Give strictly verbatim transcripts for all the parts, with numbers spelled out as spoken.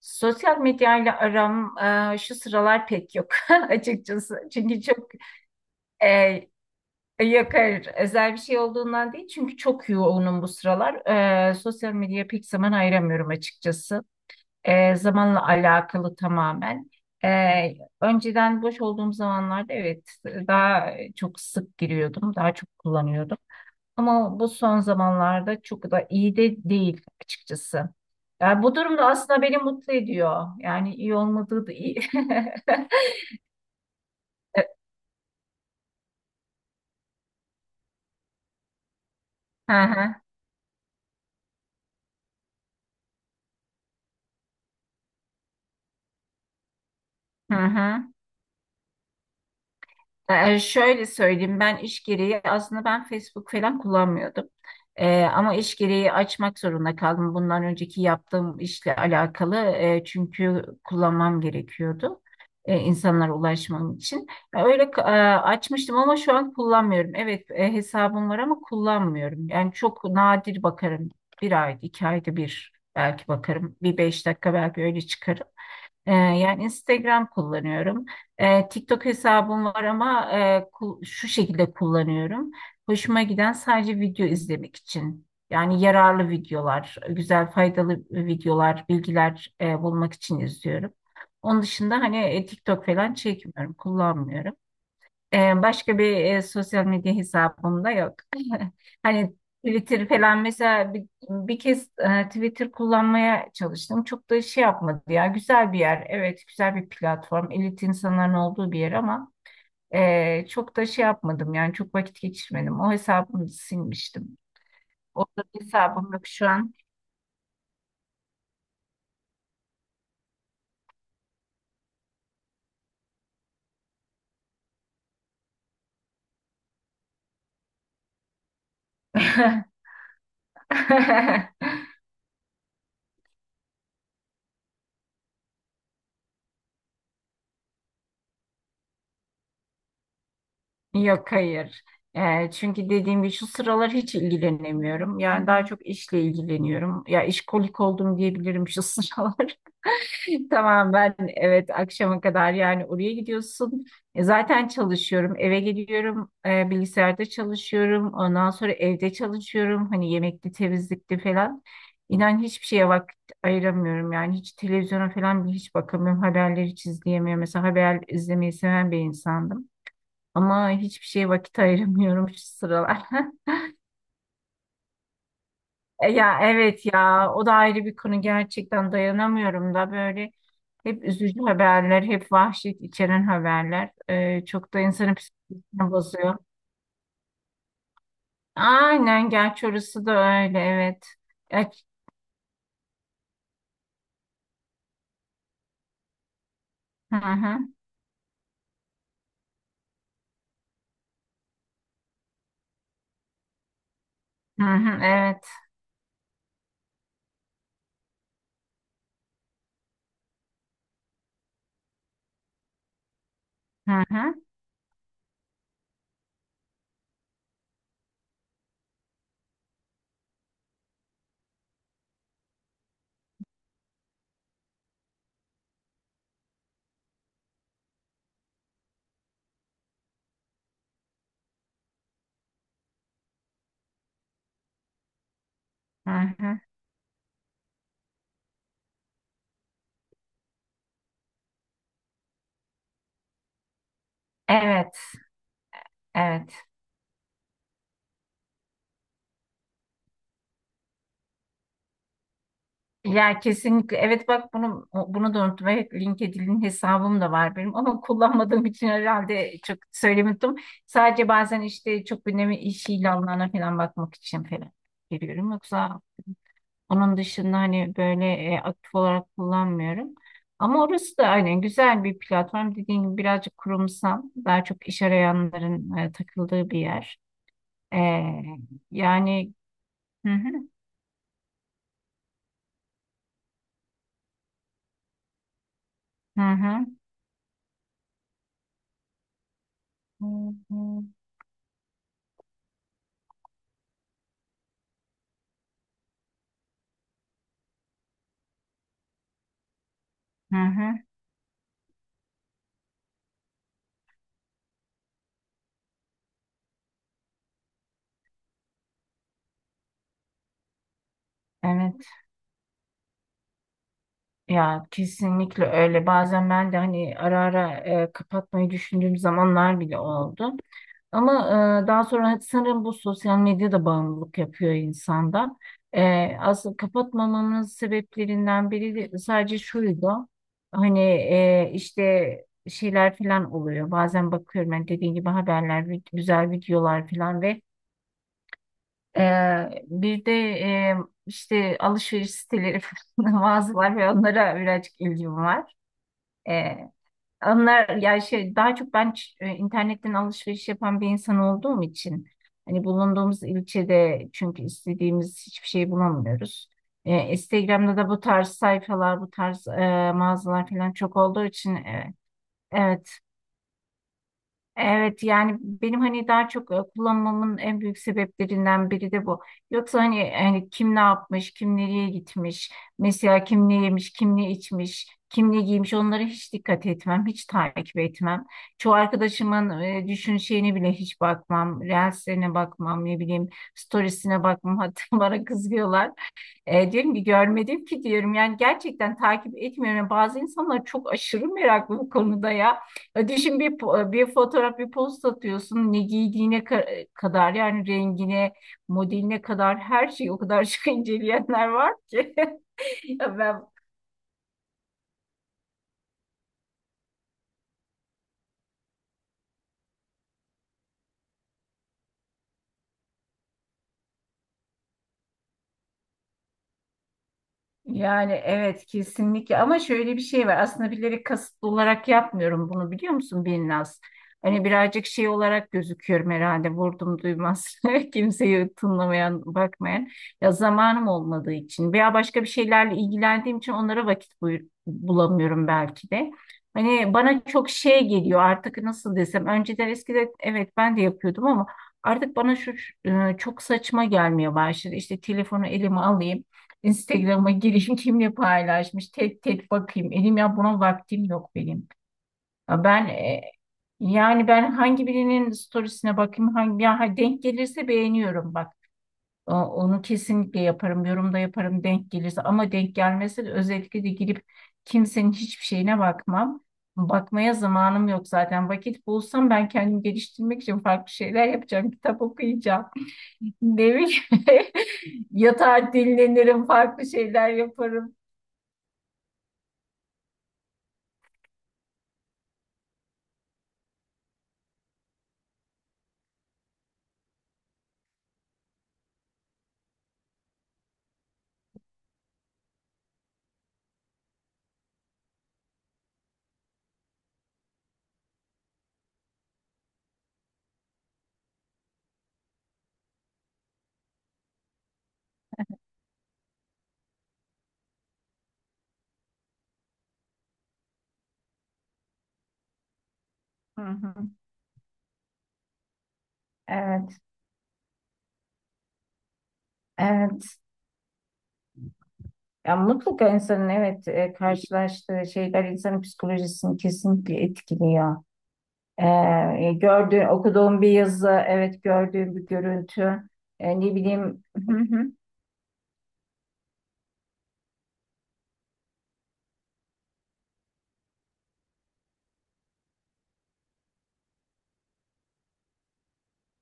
Sosyal medyayla aram e, şu sıralar pek yok açıkçası. Çünkü çok e, yakar özel bir şey olduğundan değil. Çünkü çok yoğunum bu sıralar. E, sosyal medyaya pek zaman ayıramıyorum açıkçası. E, zamanla alakalı tamamen. E, Önceden boş olduğum zamanlarda evet daha çok sık giriyordum. Daha çok kullanıyordum. Ama bu son zamanlarda çok da iyi de değil açıkçası. Yani bu durum da aslında beni mutlu ediyor. Yani iyi olmadığı da iyi. Hı hı, hı hı. Ee, şöyle söyleyeyim, ben iş gereği aslında ben Facebook falan kullanmıyordum. Ee, ama iş gereği açmak zorunda kaldım. Bundan önceki yaptığım işle alakalı e, çünkü kullanmam gerekiyordu, e, insanlara ulaşmam için. Ya öyle e, açmıştım ama şu an kullanmıyorum. Evet, e, hesabım var ama kullanmıyorum. Yani çok nadir bakarım. Bir ay, iki ayda bir belki bakarım. Bir beş dakika belki öyle çıkarım. Ee, yani Instagram kullanıyorum. Ee, TikTok hesabım var ama e, ku- şu şekilde kullanıyorum. Hoşuma giden sadece video izlemek için. Yani yararlı videolar, güzel faydalı videolar, bilgiler e, bulmak için izliyorum. Onun dışında hani e, TikTok falan çekmiyorum, kullanmıyorum. Ee, başka bir e, sosyal medya hesabım da yok. Hani Twitter falan mesela bir, bir kez e, Twitter kullanmaya çalıştım. Çok da şey yapmadı ya. Güzel bir yer. Evet, güzel bir platform. Elit insanların olduğu bir yer ama e, çok da şey yapmadım. Yani çok vakit geçirmedim. O hesabımı silmiştim. Orada bir hesabım yok şu an. Yok, hayır. Eee, çünkü dediğim gibi şu sıralar hiç ilgilenemiyorum. Yani daha çok işle ilgileniyorum. Ya işkolik oldum diyebilirim şu sıralar. Tamam, ben evet akşama kadar yani oraya gidiyorsun. E, zaten çalışıyorum. Eve geliyorum, e, bilgisayarda çalışıyorum. Ondan sonra evde çalışıyorum. Hani yemekli temizlikli falan. İnan hiçbir şeye vakit ayıramıyorum. Yani hiç televizyona falan bile hiç bakamıyorum. Haberleri hiç izleyemiyorum. Mesela haber izlemeyi seven bir insandım. Ama hiçbir şeye vakit ayıramıyorum şu sıralar. E ya evet, ya o da ayrı bir konu, gerçekten dayanamıyorum da böyle hep üzücü haberler, hep vahşet içeren haberler, e, çok da insanın psikolojisini bozuyor. Aynen, gerçi orası da öyle evet. Evet. Hı hı. Hı hı. Evet. Hı hı. Hı hı. Evet. Evet. Ya kesinlikle. Evet bak, bunu bunu da unuttum. Evet, LinkedIn'in hesabım da var benim ama kullanmadığım için herhalde çok söylemedim. Sadece bazen işte çok önemli iş ilanlarına falan bakmak için falan giriyorum. Yoksa onun dışında hani böyle e, aktif olarak kullanmıyorum. Ama orası da aynen güzel bir platform. Dediğim gibi birazcık kurumsal, daha çok iş arayanların e, takıldığı bir yer. E, yani hı hı, hı hı, hı hı, hı. Evet. Ya kesinlikle öyle. Bazen ben de hani ara ara e, kapatmayı düşündüğüm zamanlar bile oldu. Ama e, daha sonra hani, sanırım bu sosyal medya da bağımlılık yapıyor insanda. E, Aslında kapatmamamın sebeplerinden biri de sadece şuydu. Hani e, işte şeyler falan oluyor. Bazen bakıyorum ben dediğim gibi haberler, vid- güzel videolar falan ve e, bir de e, işte alışveriş siteleri falan, mağazalar ve onlara birazcık ilgim var. Ee, onlar ya şey, daha çok ben ç- e, internetten alışveriş yapan bir insan olduğum için hani bulunduğumuz ilçede çünkü istediğimiz hiçbir şey bulamıyoruz. Ee, Instagram'da da bu tarz sayfalar, bu tarz e, mağazalar falan çok olduğu için e, evet. Evet, yani benim hani daha çok e, kullanmamın en büyük sebeplerinden biri de bu. Yoksa hani, hani kim ne yapmış, kim nereye gitmiş, mesela kim ne yemiş, kim ne içmiş, kim ne giymiş, onlara hiç dikkat etmem, hiç takip etmem. Çoğu arkadaşımın e, düşün şeyine bile hiç bakmam, reelslerine bakmam, ne bileyim storiesine bakmam. Hatta bana kızıyorlar. E, diyorum ki görmedim ki diyorum, yani gerçekten takip etmiyorum. Yani bazı insanlar çok aşırı meraklı bu konuda ya. E, düşün, bir, po- bir fotoğraf, bir post atıyorsun, ne giydiğine ka- e, kadar, yani rengine modeline kadar her şeyi o kadar çok inceleyenler var ki. Ya Ben Yani evet kesinlikle, ama şöyle bir şey var, aslında bilerek kasıtlı olarak yapmıyorum bunu, biliyor musun Binnaz? Hani birazcık şey olarak gözüküyorum herhalde, vurdum duymaz, kimseyi tınlamayan, bakmayan, ya zamanım olmadığı için veya başka bir şeylerle ilgilendiğim için onlara vakit buyur, bulamıyorum belki de. Hani bana çok şey geliyor artık, nasıl desem, önceden eskiden evet ben de yapıyordum ama artık bana şu e, çok saçma gelmeye başladı, işte telefonu elime alayım, Instagram'a gireyim, kimle paylaşmış tek tek bakayım. Elim ya, buna vaktim yok benim. Ya ben e, yani ben hangi birinin storiesine bakayım, hangi ya ha, denk gelirse beğeniyorum bak. O- Onu kesinlikle yaparım, yorumda yaparım denk gelirse, ama denk gelmese de özellikle de girip kimsenin hiçbir şeyine bakmam. Bakmaya zamanım yok zaten. Vakit bulsam ben kendimi geliştirmek için farklı şeyler yapacağım. Kitap okuyacağım. Ne bileyim. Yatağa dinlenirim, farklı şeyler yaparım. Hı hı. Evet, evet. Ya mutlaka insanın evet e, karşılaştığı şeyler insanın psikolojisini kesinlikle etkiliyor. Ee, gördüğün, okuduğun bir yazı, evet gördüğün bir görüntü, e, ne bileyim, hı hı,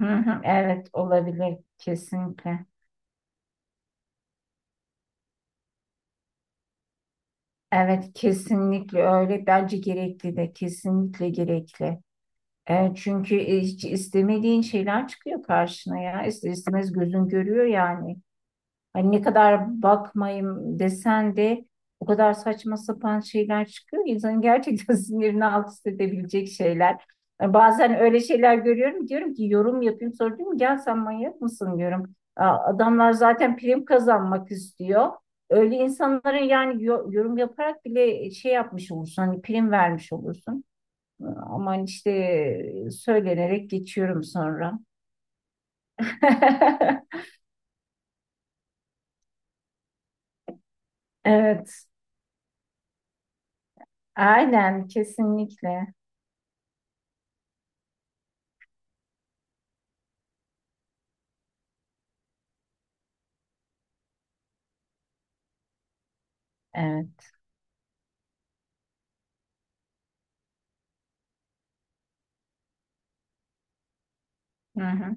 hı hı. Evet, olabilir kesinlikle. Evet kesinlikle öyle. Bence gerekli de, kesinlikle gerekli. E, çünkü hiç istemediğin şeyler çıkıyor karşına ya. İster istemez gözün görüyor yani. Hani ne kadar bakmayayım desen de o kadar saçma sapan şeyler çıkıyor. İnsanın gerçekten sinirini alt üst edebilecek şeyler. Yani bazen öyle şeyler görüyorum diyorum ki yorum yapayım, sonra diyorum gel sen manyak mısın diyorum. Aa, adamlar zaten prim kazanmak istiyor. Öyle insanlara yani yo- yorum yaparak bile şey yapmış olursun, hani prim vermiş olursun. Ama hani işte söylenerek geçiyorum sonra. Evet, aynen kesinlikle. Evet. Hı hı.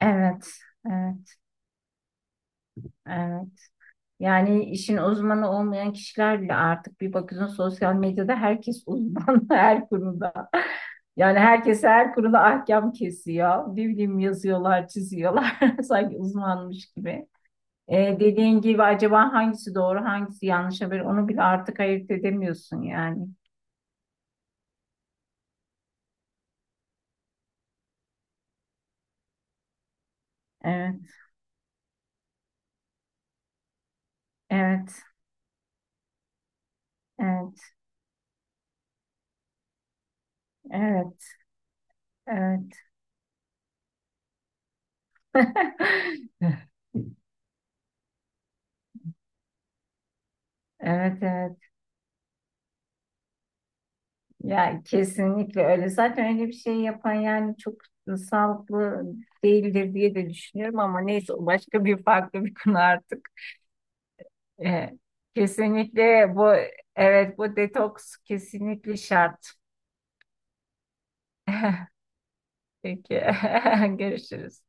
Evet. Evet. Evet. Yani işin uzmanı olmayan kişiler bile artık bir bakıyorsun, sosyal medyada herkes uzman her konuda. Yani herkes her konuda ahkam kesiyor. Ne bileyim, yazıyorlar, çiziyorlar. Sanki uzmanmış gibi. Ee, dediğin gibi acaba hangisi doğru, hangisi yanlış haber, onu bile artık ayırt edemiyorsun yani. Evet. Evet. Evet. Evet. Evet. Evet, evet. Ya kesinlikle öyle. Zaten öyle bir şey yapan yani çok sağlıklı değildir diye de düşünüyorum, ama neyse o başka bir farklı bir konu artık. Ee, kesinlikle bu, evet bu detoks kesinlikle şart. Peki, görüşürüz.